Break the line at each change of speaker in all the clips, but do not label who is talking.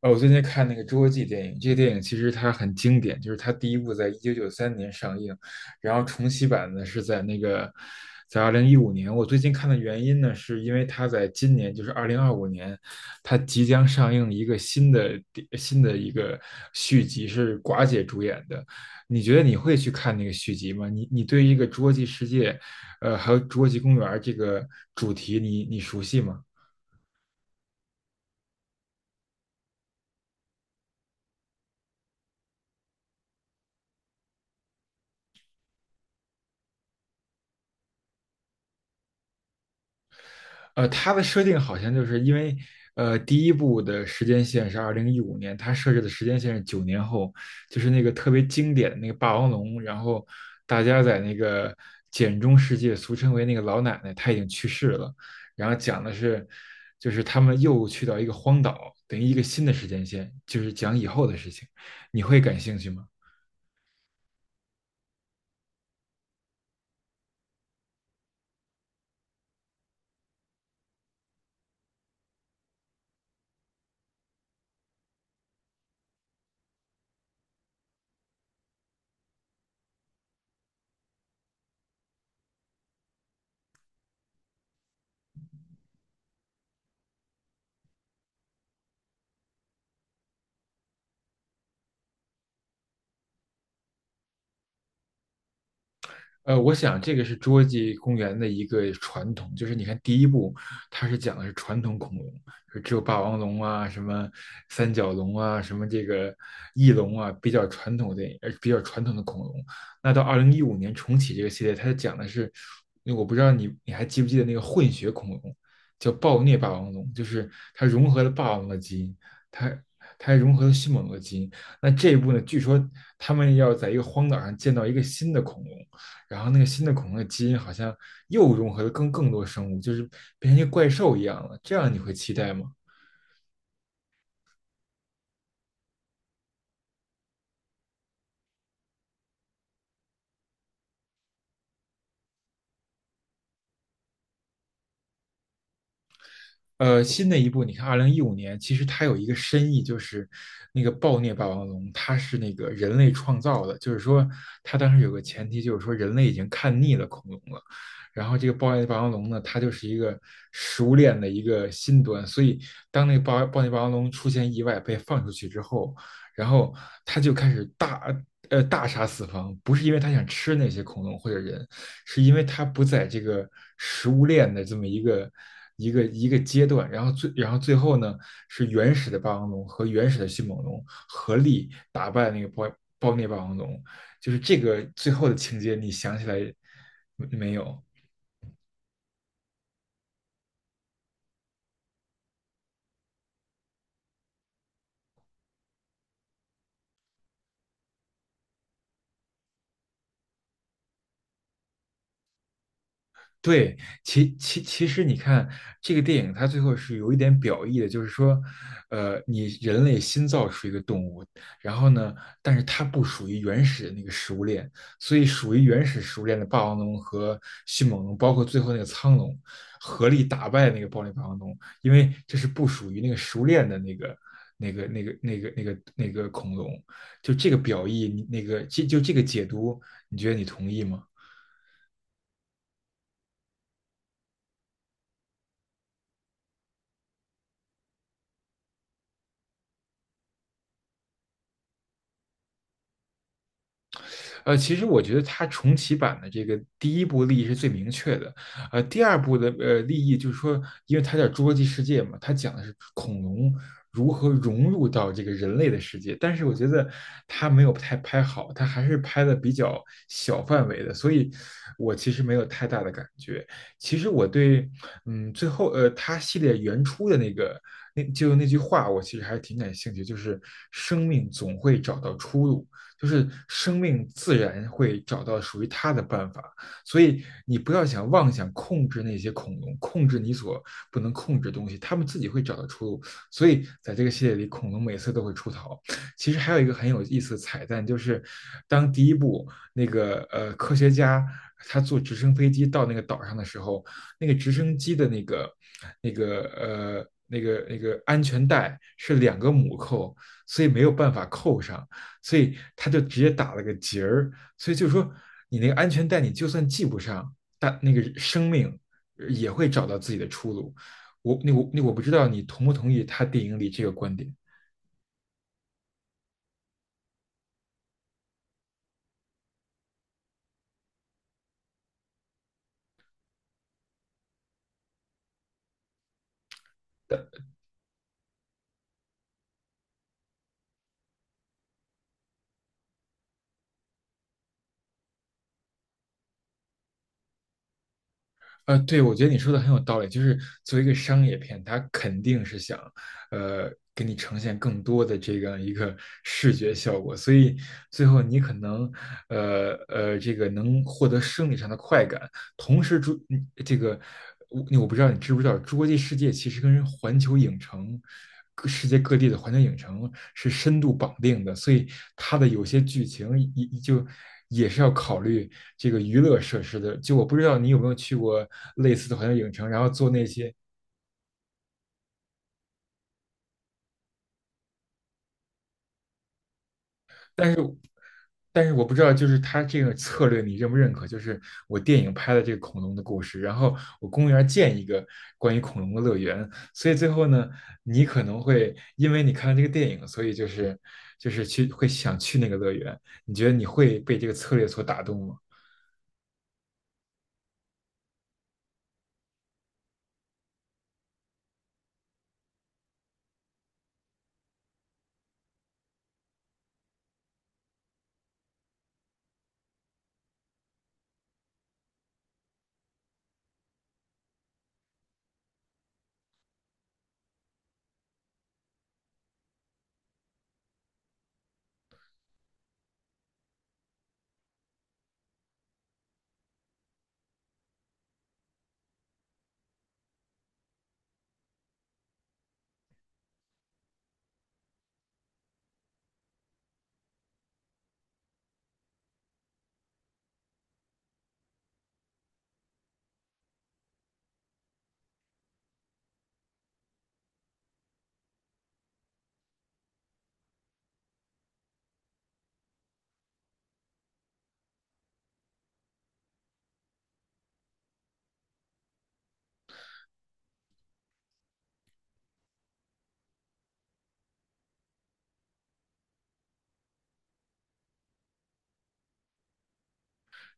哦，我最近看那个《侏罗纪》电影，这个电影其实它很经典，就是它第一部在1993年上映，然后重启版呢是在二零一五年。我最近看的原因呢，是因为它在今年，就是2025年，它即将上映一个新的一个续集，是寡姐主演的。你觉得你会去看那个续集吗？你对于一个《侏罗纪世界》，呃，还有《侏罗纪公园》这个主题你熟悉吗？它的设定好像就是因为，第一部的时间线是二零一五年，它设置的时间线是9年后，就是那个特别经典的那个霸王龙，然后大家在那个简中世界，俗称为那个老奶奶，她已经去世了，然后讲的是，就是他们又去到一个荒岛，等于一个新的时间线，就是讲以后的事情，你会感兴趣吗？我想这个是侏罗纪公园的一个传统，就是你看第一部，它是讲的是传统恐龙，就只有霸王龙啊、什么三角龙啊、什么这个翼龙啊，比较传统的恐龙。那到二零一五年重启这个系列，它讲的是，我不知道你还记不记得那个混血恐龙，叫暴虐霸王龙，就是它融合了霸王龙的基因，它它还融合了迅猛龙的基因。那这一部呢，据说他们要在一个荒岛上建造一个新的恐龙。然后那个新的恐龙的基因好像又融合了更多生物，就是变成一个怪兽一样了。这样你会期待吗？新的一部，你看二零一五年，其实它有一个深意，就是那个暴虐霸王龙，它是那个人类创造的，就是说它当时有个前提，就是说人类已经看腻了恐龙了。然后这个暴虐霸王龙呢，它就是一个食物链的一个新端，所以当那个暴虐霸王龙出现意外被放出去之后，然后他就开始大杀四方，不是因为他想吃那些恐龙或者人，是因为他不在这个食物链的这么一个阶段，然后最后呢是原始的霸王龙和原始的迅猛龙合力打败那个包内霸王龙，就是这个最后的情节，你想起来没有？对，其实你看这个电影，它最后是有一点表意的，就是说，你人类新造出一个动物，然后呢，但是它不属于原始的那个食物链，所以属于原始食物链的霸王龙和迅猛龙，包括最后那个苍龙，合力打败那个暴力霸王龙，因为这是不属于那个食物链的那个。那个恐龙，就这个表意，你那个这就这个解读，你觉得你同意吗？其实我觉得它重启版的这个第一部利益是最明确的，第二部的利益就是说，因为它叫《侏罗纪世界》嘛，它讲的是恐龙如何融入到这个人类的世界，但是我觉得它没有太拍好，它还是拍的比较小范围的，所以我其实没有太大的感觉。其实我对，最后它系列原初的那个。那句话，我其实还是挺感兴趣，就是生命总会找到出路。就是生命自然会找到属于它的办法。所以你不要妄想控制那些恐龙，控制你所不能控制的东西，他们自己会找到出路。所以在这个系列里，恐龙每次都会出逃。其实还有一个很有意思的彩蛋，就是当第一部那个科学家他坐直升飞机到那个岛上的时候，那个直升机的那个那个安全带是两个母扣，所以没有办法扣上。所以他就直接打了个结儿。所以就是说，你那个安全带，你就算系不上，但那个生命也会找到自己的出路。我不知道你同不同意他电影里这个观点。对，我觉得你说的很有道理，就是作为一个商业片，它肯定是想，呃，给你呈现更多的这样一个视觉效果，所以最后你可能，这个能获得生理上的快感，同时，这个我不知道，你知不知道，侏罗纪世界其实跟环球影城，世界各地的环球影城是深度绑定的，所以它的有些剧情也就也是要考虑这个娱乐设施的。就我不知道你有没有去过类似的环球影城，然后做那些但是我不知道，就是他这个策略你认不认可？就是我电影拍的这个恐龙的故事，然后我公园建一个关于恐龙的乐园，所以最后呢，你可能会因为你看了这个电影，所以就是去会想去那个乐园。你觉得你会被这个策略所打动吗？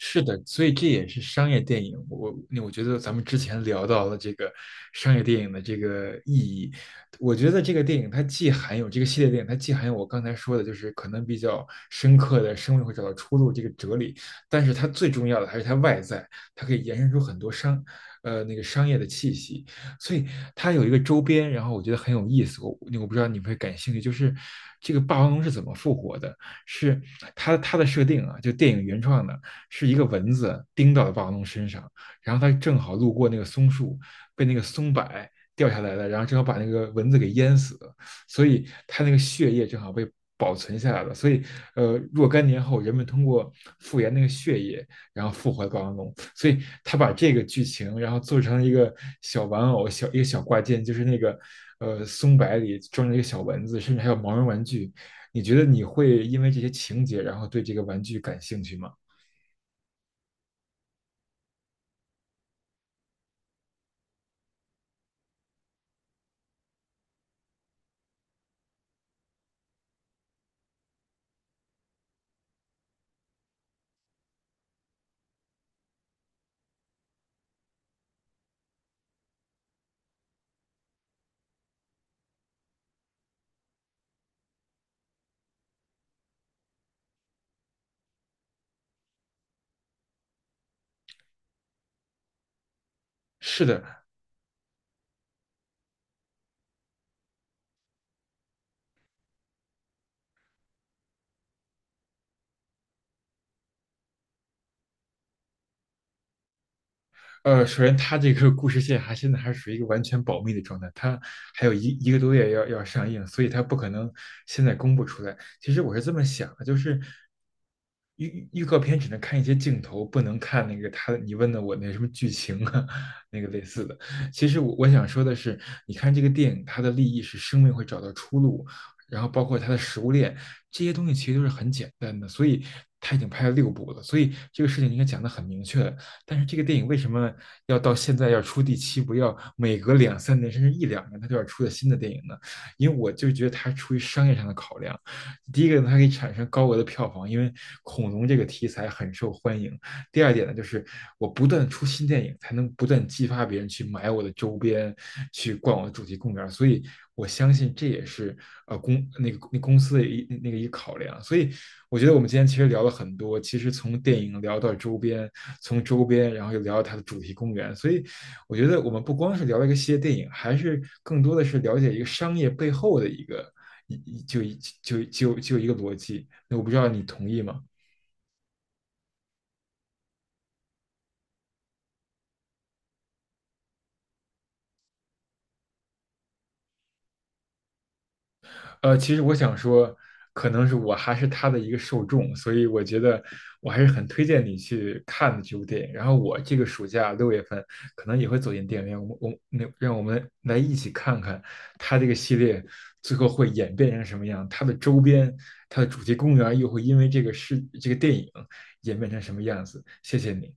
是的，所以这也是商业电影。我觉得咱们之前聊到了这个商业电影的这个意义，我觉得这个电影它既含有这个系列电影，它既含有我刚才说的，就是可能比较深刻的生命会找到出路这个哲理，但是它最重要的还是它外在，它可以延伸出很多那个商业的气息，所以它有一个周边，然后我觉得很有意思。我不知道你会感兴趣，就是这个霸王龙是怎么复活的？是它的设定啊，就电影原创的。是一个蚊子叮到了霸王龙身上，然后它正好路过那个松树，被那个松柏掉下来了，然后正好把那个蚊子给淹死了，所以它那个血液正好被保存下来了。所以，若干年后，人们通过复原那个血液，然后复活霸王龙。所以他把这个剧情，然后做成一个小玩偶，一个小挂件，就是那个松柏里装着一个小蚊子，甚至还有毛绒玩具。你觉得你会因为这些情节，然后对这个玩具感兴趣吗？是的，首先它这个故事线现在还是属于一个完全保密的状态，它还有一个多月要上映，所以它不可能现在公布出来。其实我是这么想的，就是预告片只能看一些镜头，不能看那个他你问的我那什么剧情啊，那个类似的。其实我想说的是，你看这个电影，它的立意是生命会找到出路，然后包括它的食物链这些东西其实都是很简单的，所以他已经拍了六部了，所以这个事情应该讲的很明确。但是这个电影为什么要到现在要出第七部，要每隔两三年甚至一两年它就要出个新的电影呢？因为我就觉得它出于商业上的考量。第一个呢，它可以产生高额的票房，因为恐龙这个题材很受欢迎。第二点呢，就是我不断出新电影，才能不断激发别人去买我的周边，去逛我的主题公园。所以我相信这也是呃公那个那公司的一那个一考量。所以我觉得我们今天其实聊了很多，其实从电影聊到周边，从周边然后又聊到它的主题公园。所以我觉得我们不光是聊了一个系列电影，还是更多的是了解一个商业背后的一个。一就一就就就一个逻辑，那我不知道你同意吗？其实我想说，可能是我还是他的一个受众，所以我觉得我还是很推荐你去看的这部电影。然后我这个暑假6月份可能也会走进电影院，我我那让我们来一起看看他这个系列最后会演变成什么样，它的周边、它的主题公园又会因为这个事这个电影演变成什么样子。谢谢你。